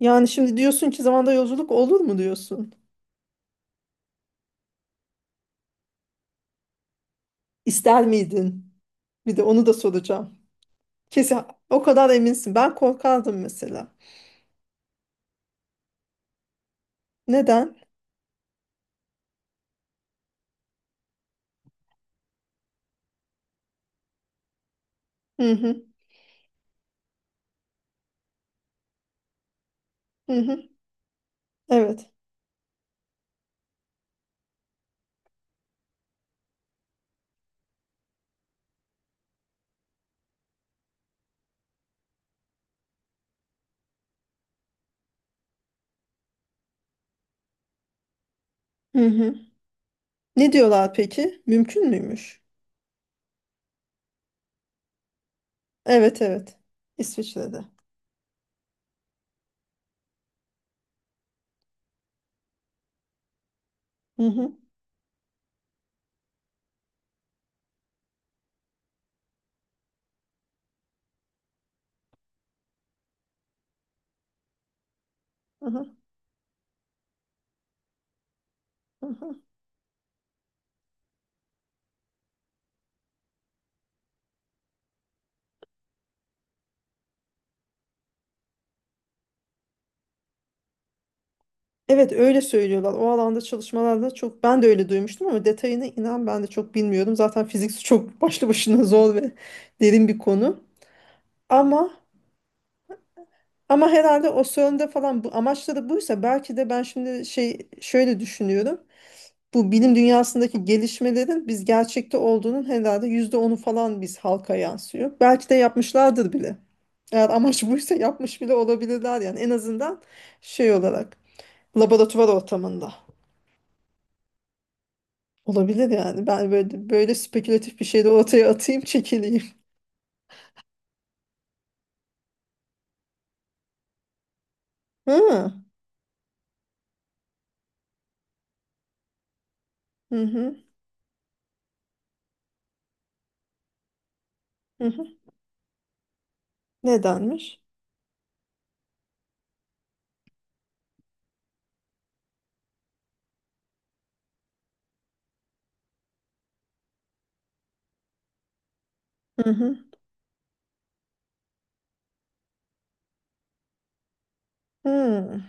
Yani şimdi diyorsun ki zamanda yolculuk olur mu diyorsun? İster miydin? Bir de onu da soracağım. Kesin o kadar eminsin. Ben korkardım mesela. Neden? Hı hı hı hı. Evet. Hı hı. Ne diyorlar peki? Mümkün müymüş? Evet evet. İsviçre'de. Hı hı hı hı. Hı hı. Evet, öyle söylüyorlar. O alanda çalışmalarda çok ben de öyle duymuştum ama detayını inan ben de çok bilmiyorum. Zaten fizik çok başlı başına zor ve derin bir konu. Ama Ama herhalde o sorunda falan bu amaçları buysa belki de ben şimdi şey şöyle düşünüyorum. Bu bilim dünyasındaki gelişmelerin biz gerçekte olduğunun herhalde %10'u falan biz halka yansıyor. Belki de yapmışlardır bile. Eğer amaç buysa yapmış bile olabilirler yani en azından şey olarak laboratuvar ortamında olabilir yani. Ben böyle böyle spekülatif bir şey de ortaya atayım çekileyim. Hı hı hı hı. Hı. Nedenmiş? Hı hı. Hı.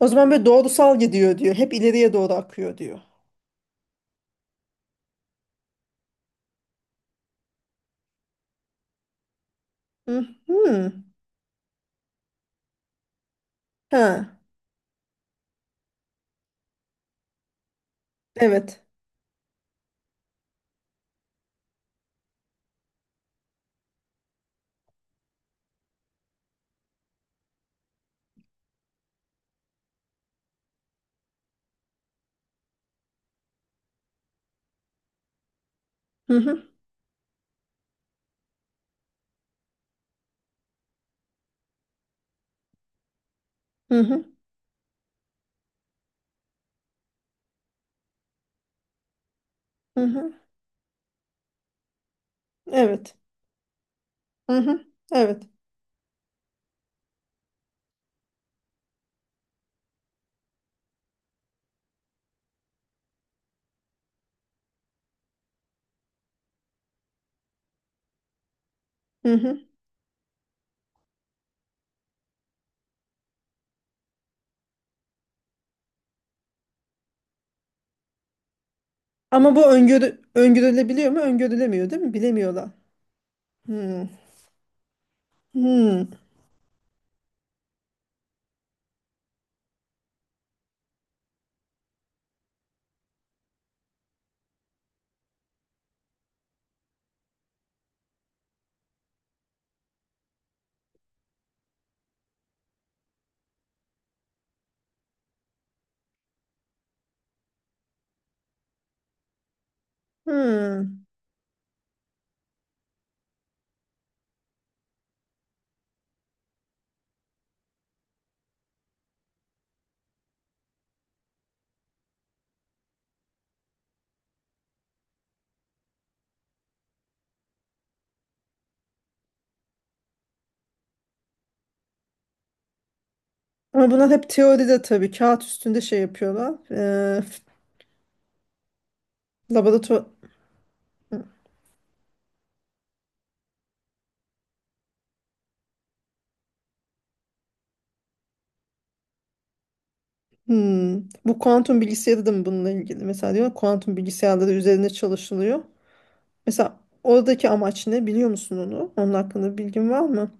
O zaman böyle doğrusal gidiyor diyor. Hep ileriye doğru akıyor diyor. Hı hı. Ha. Evet. Hı hı. Hı hı. Hı hı. Evet. Hı hı. Evet. Hı hı. Ama bu öngörülebiliyor mu? Öngörülemiyor değil mi? Bilemiyorlar. Hı. Hı. Hı. Ama bunlar hep teoride tabii. Kağıt üstünde şey yapıyorlar. Laboratuvar. Hmm. Bu kuantum bilgisayarı da mı bununla ilgili? Mesela diyor kuantum bilgisayarları üzerine çalışılıyor. Mesela oradaki amaç ne biliyor musun onu? Onun hakkında bilgin var mı?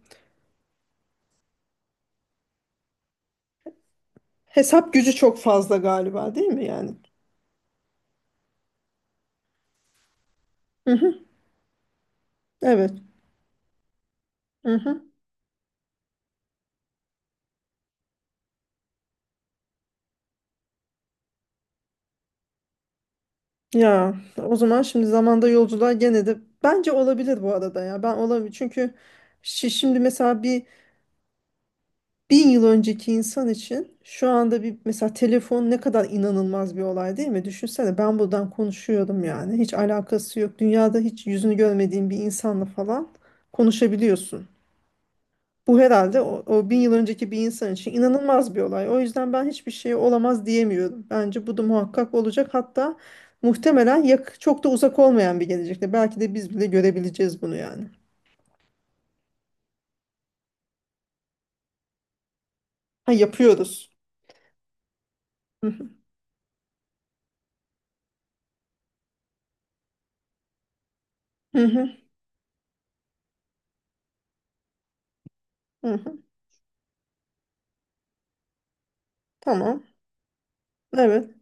Hesap gücü çok fazla galiba değil mi yani? Hı hı, evet. Hı hı. Ya o zaman şimdi zamanda yolculuğa gene de bence olabilir bu arada ya. Ben olabilir çünkü şimdi mesela bir 1.000 yıl önceki insan için şu anda bir mesela telefon ne kadar inanılmaz bir olay değil mi? Düşünsene ben buradan konuşuyorum yani hiç alakası yok. Dünyada hiç yüzünü görmediğin bir insanla falan konuşabiliyorsun. Bu herhalde o 1.000 yıl önceki bir insan için inanılmaz bir olay. O yüzden ben hiçbir şey olamaz diyemiyorum. Bence bu da muhakkak olacak. Hatta muhtemelen çok da uzak olmayan bir gelecekte. Belki de biz bile görebileceğiz bunu yani. Ha, yapıyoruz. Hı hı. Hı hı. Hı hı. Tamam. Evet.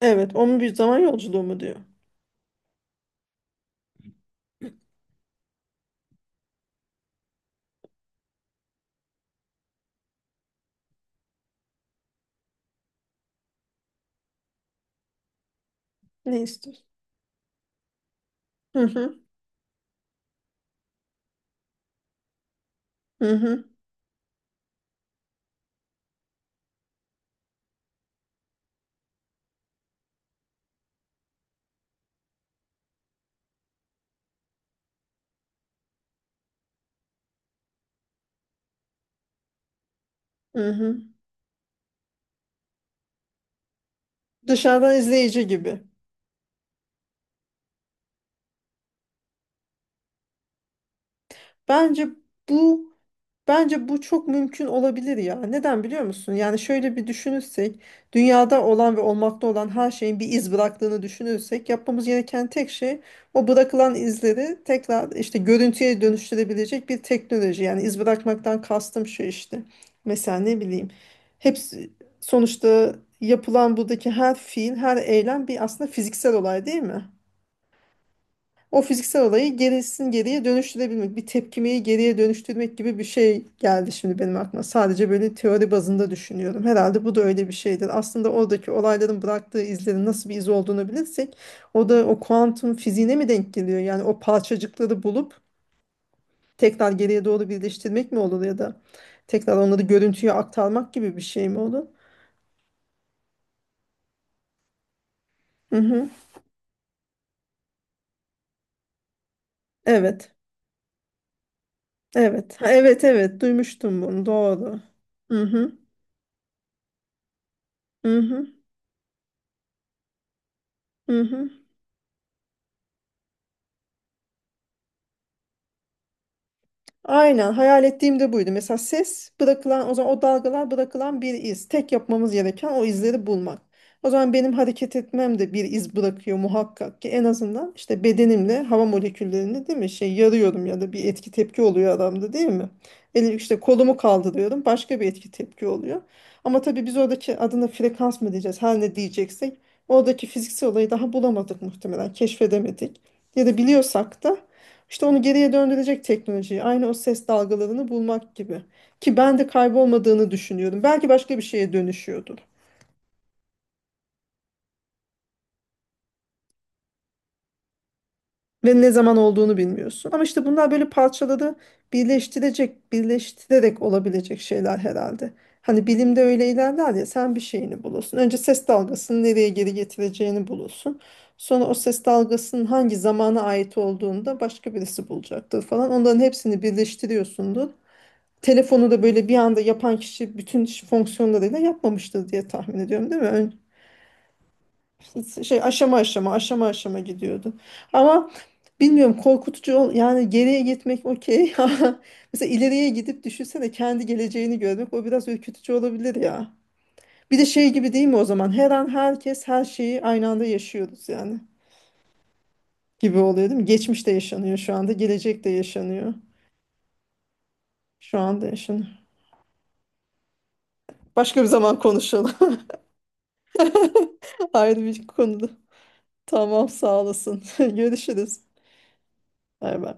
Evet. Onun bir zaman yolculuğu mu diyor. Ne istiyorsun? Hı hı. Hı hı. Hı hı. Dışarıdan izleyici gibi. Bence bu bence bu çok mümkün olabilir ya. Neden biliyor musun? Yani şöyle bir düşünürsek, dünyada olan ve olmakta olan her şeyin bir iz bıraktığını düşünürsek, yapmamız gereken tek şey o bırakılan izleri tekrar işte görüntüye dönüştürebilecek bir teknoloji. Yani iz bırakmaktan kastım şu işte. Mesela ne bileyim. Hepsi sonuçta yapılan buradaki her fiil, her eylem bir aslında fiziksel olay değil mi? O fiziksel olayı gerisin geriye dönüştürebilmek, bir tepkimeyi geriye dönüştürmek gibi bir şey geldi şimdi benim aklıma. Sadece böyle teori bazında düşünüyorum. Herhalde bu da öyle bir şeydir. Aslında oradaki olayların bıraktığı izlerin nasıl bir iz olduğunu bilirsek, o da o kuantum fiziğine mi denk geliyor? Yani o parçacıkları bulup tekrar geriye doğru birleştirmek mi olur ya da tekrar onları görüntüye aktarmak gibi bir şey mi olur? Hı hı. Evet. Evet. Ha, evet, evet. Duymuştum bunu. Doğru. Hı hı. Hı hı. Hı hı. Aynen hayal ettiğim de buydu. Mesela ses bırakılan o zaman o dalgalar bırakılan bir iz. Tek yapmamız gereken o izleri bulmak. O zaman benim hareket etmem de bir iz bırakıyor muhakkak ki en azından işte bedenimle hava moleküllerini değil mi şey yarıyorum ya da bir etki tepki oluyor adamda değil mi? İşte kolumu kaldırıyorum başka bir etki tepki oluyor. Ama tabii biz oradaki adına frekans mı diyeceğiz her ne diyeceksek oradaki fiziksel olayı daha bulamadık muhtemelen keşfedemedik. Ya da biliyorsak da işte onu geriye döndürecek teknolojiyi. Aynı o ses dalgalarını bulmak gibi. Ki ben de kaybolmadığını düşünüyorum. Belki başka bir şeye dönüşüyordur. Ve ne zaman olduğunu bilmiyorsun. Ama işte bunlar böyle parçaladı, birleştirecek, birleştirerek olabilecek şeyler herhalde. Hani bilimde öyle ilerler ya sen bir şeyini bulursun. Önce ses dalgasını nereye geri getireceğini bulursun. Sonra o ses dalgasının hangi zamana ait olduğunu da başka birisi bulacaktır falan. Onların hepsini birleştiriyorsundur. Telefonu da böyle bir anda yapan kişi bütün fonksiyonlarıyla yapmamıştır diye tahmin ediyorum değil mi? Şey aşama aşama aşama aşama gidiyordu. Ama bilmiyorum korkutucu yani geriye gitmek okey. Mesela ileriye gidip düşünsene kendi geleceğini görmek o biraz ürkütücü olabilir ya. Bir de şey gibi değil mi o zaman? Her an herkes her şeyi aynı anda yaşıyoruz yani. Gibi oluyor değil mi? Geçmiş de yaşanıyor şu anda, gelecek de yaşanıyor. Şu anda yaşanıyor. Başka bir zaman konuşalım. Ayrı bir konuda. Tamam sağ olasın. Görüşürüz. Bay bay.